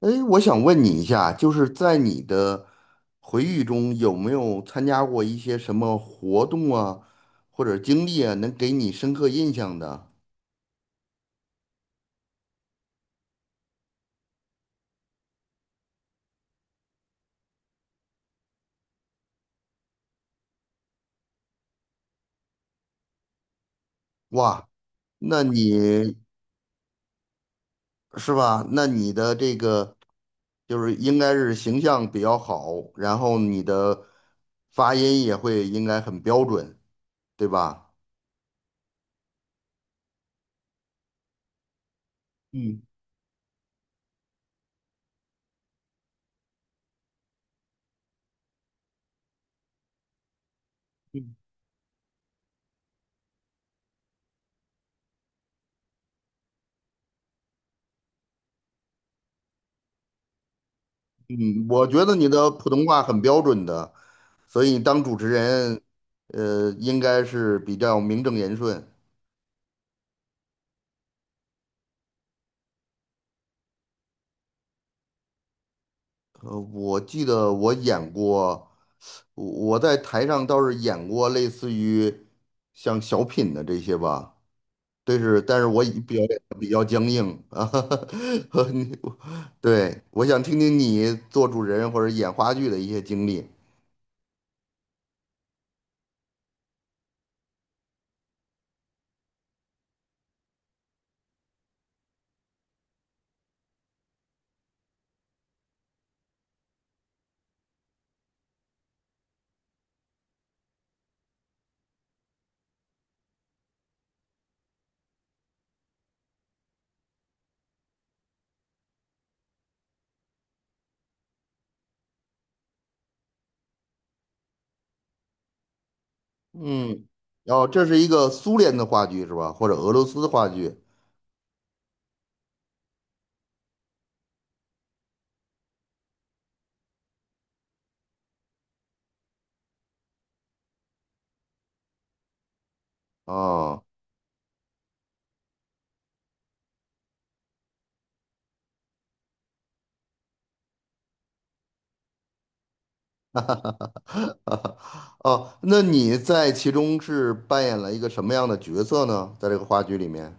哎，我想问你一下，就是在你的回忆中，有没有参加过一些什么活动啊，或者经历啊，能给你深刻印象的？哇，那你是吧？那你的这个就是应该是形象比较好，然后你的发音也会应该很标准，对吧？嗯。嗯，我觉得你的普通话很标准的，所以当主持人，应该是比较名正言顺。我记得我演过，我我在台上倒是演过类似于像小品的这些吧，但是我以表演得比较僵硬啊，和你对，我想听听你做主持人或者演话剧的一些经历。嗯，然后这是一个苏联的话剧是吧？或者俄罗斯的话剧啊？哦。 哦，那你在其中是扮演了一个什么样的角色呢？在这个话剧里面，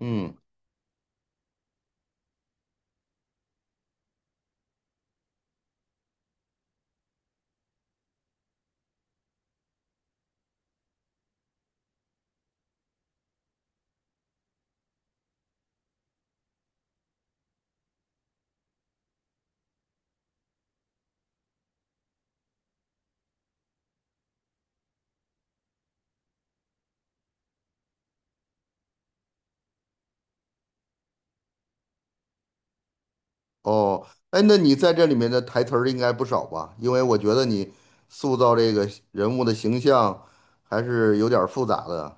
嗯。哦，哎，那你在这里面的台词儿应该不少吧？因为我觉得你塑造这个人物的形象还是有点儿复杂的。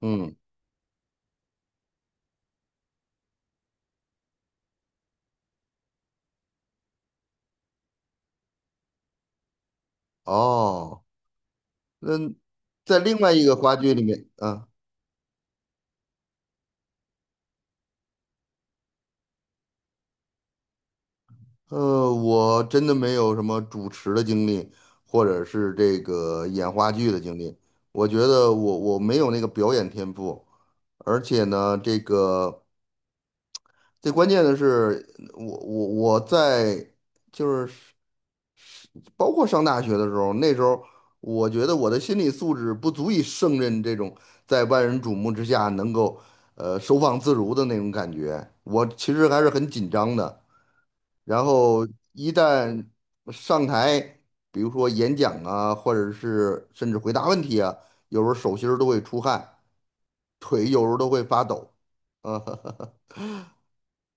嗯。哦，那在另外一个话剧里面，啊，我真的没有什么主持的经历，或者是这个演话剧的经历。我觉得我没有那个表演天赋。而且呢，这个最关键的是，我我我在就是包括上大学的时候，那时候我觉得我的心理素质不足以胜任这种在万人瞩目之下能够收放自如的那种感觉，我其实还是很紧张的。然后一旦上台，比如说演讲啊，或者是甚至回答问题啊，有时候手心儿都会出汗，腿有时候都会发抖，啊。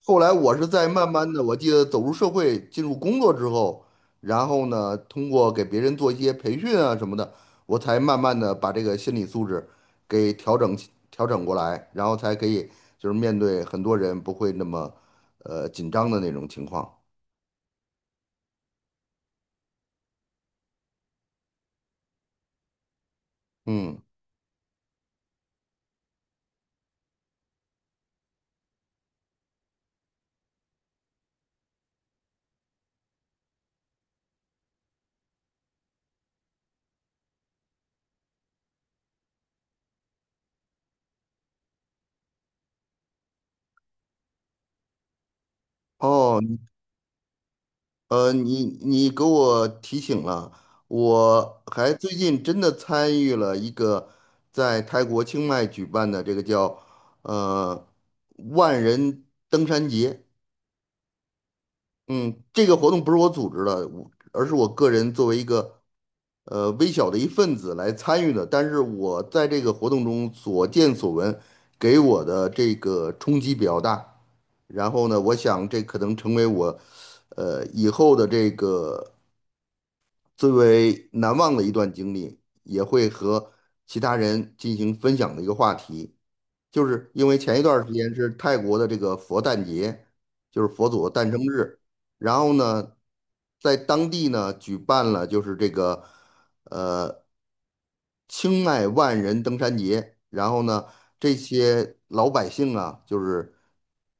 后来我是在慢慢的，我记得走入社会、进入工作之后，然后呢，通过给别人做一些培训啊什么的，我才慢慢的把这个心理素质给调整过来，然后才可以就是面对很多人不会那么紧张的那种情况。嗯。哦，你你给我提醒了，我还最近真的参与了一个在泰国清迈举办的这个叫呃万人登山节。嗯，这个活动不是我组织的，我而是我个人作为一个微小的一份子来参与的。但是我在这个活动中所见所闻，给我的这个冲击比较大。然后呢，我想这可能成为我，以后的这个最为难忘的一段经历，也会和其他人进行分享的一个话题，就是因为前一段儿时间是泰国的这个佛诞节，就是佛祖的诞生日，然后呢，在当地呢举办了就是这个。呃。青迈万人登山节，然后呢，这些老百姓啊，就是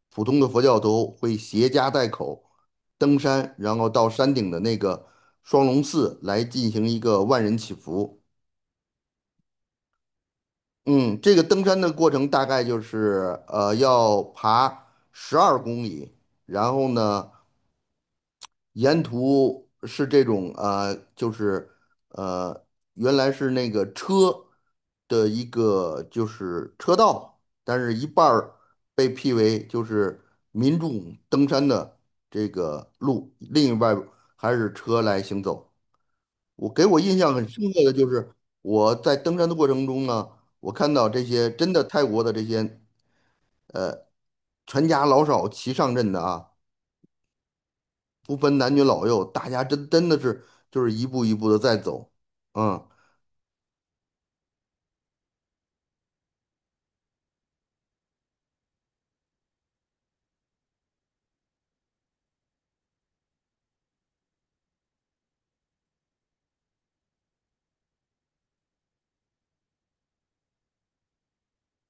普通的佛教徒会携家带口登山，然后到山顶的那个双龙寺来进行一个万人祈福。嗯，这个登山的过程大概就是要爬十二公里，然后呢。沿途是这种啊、就是呃，原来是那个车的一个就是车道，但是一半儿被辟为就是民众登山的这个路，另一半儿还是车来行走。我给我印象很深刻的就是我在登山的过程中呢，我看到这些真的泰国的这些全家老少齐上阵的啊。不分男女老幼，大家真真的是就是一步一步的在走，嗯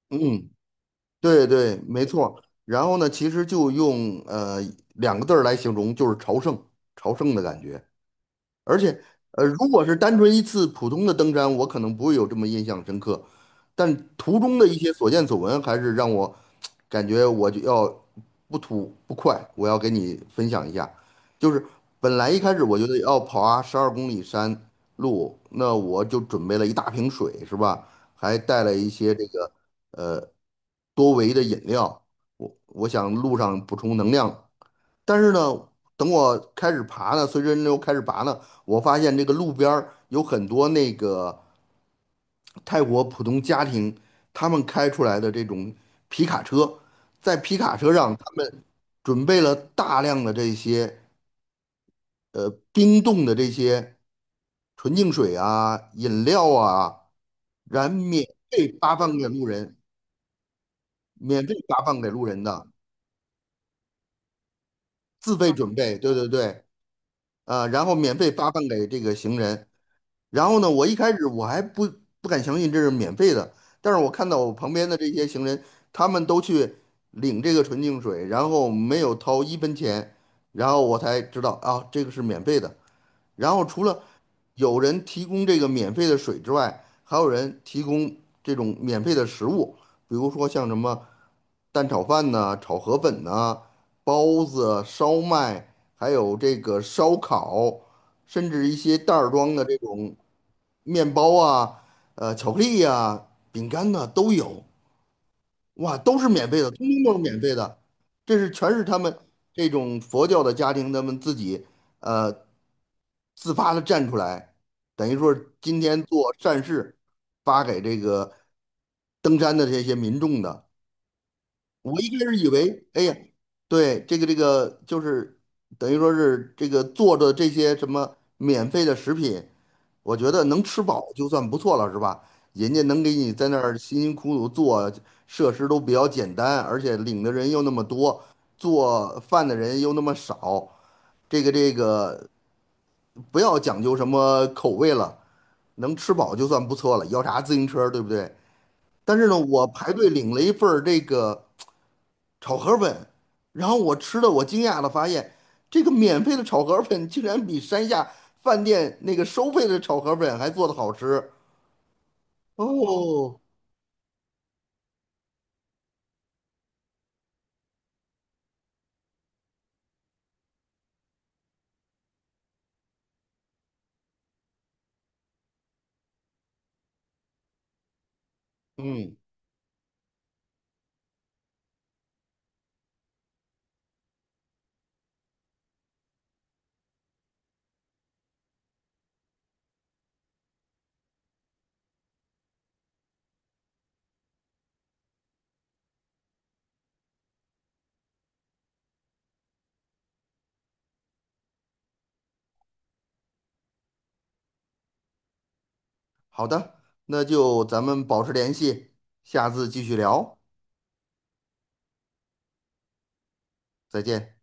嗯，对对，没错。然后呢，其实就用两个字儿来形容，就是朝圣，朝圣的感觉。而且，如果是单纯一次普通的登山，我可能不会有这么印象深刻，但途中的一些所见所闻，还是让我感觉我就要不吐不快。我要给你分享一下，就是本来一开始我觉得要跑啊十二公里山路，那我就准备了一大瓶水，是吧？还带了一些这个呃多维的饮料，我想路上补充能量。但是呢，等我开始爬呢，随着人流开始爬呢，我发现这个路边儿有很多那个泰国普通家庭他们开出来的这种皮卡车，在皮卡车上他们准备了大量的这些冰冻的这些纯净水啊、饮料啊，然免费发放给路人，免费发放给路人的，自费准备，对对对。啊，然后免费发放给这个行人，然后呢，我一开始我还不不敢相信这是免费的，但是我看到我旁边的这些行人，他们都去领这个纯净水，然后没有掏一分钱，然后我才知道啊，这个是免费的。然后除了有人提供这个免费的水之外，还有人提供这种免费的食物，比如说像什么蛋炒饭呐、炒河粉呐、包子、烧麦，还有这个烧烤，甚至一些袋儿装的这种。面包啊，巧克力呀、饼干呐、都有，哇，都是免费的，通通都是免费的。这是全是他们这种佛教的家庭，他们自己呃自发的站出来，等于说是今天做善事，发给这个登山的这些民众的。我一开始以为，哎呀，对，这个就是等于说是这个做的这些什么免费的食品，我觉得能吃饱就算不错了，是吧？人家能给你在那儿辛辛苦苦做，设施都比较简单，而且领的人又那么多，做饭的人又那么少，这个不要讲究什么口味了，能吃饱就算不错了，要啥自行车，对不对？但是呢，我排队领了一份儿这个。炒河粉，然后我吃的，我惊讶的发现，这个免费的炒河粉竟然比山下饭店那个收费的炒河粉还做的好吃。哦，嗯，好的，那就咱们保持联系，下次继续聊，再见。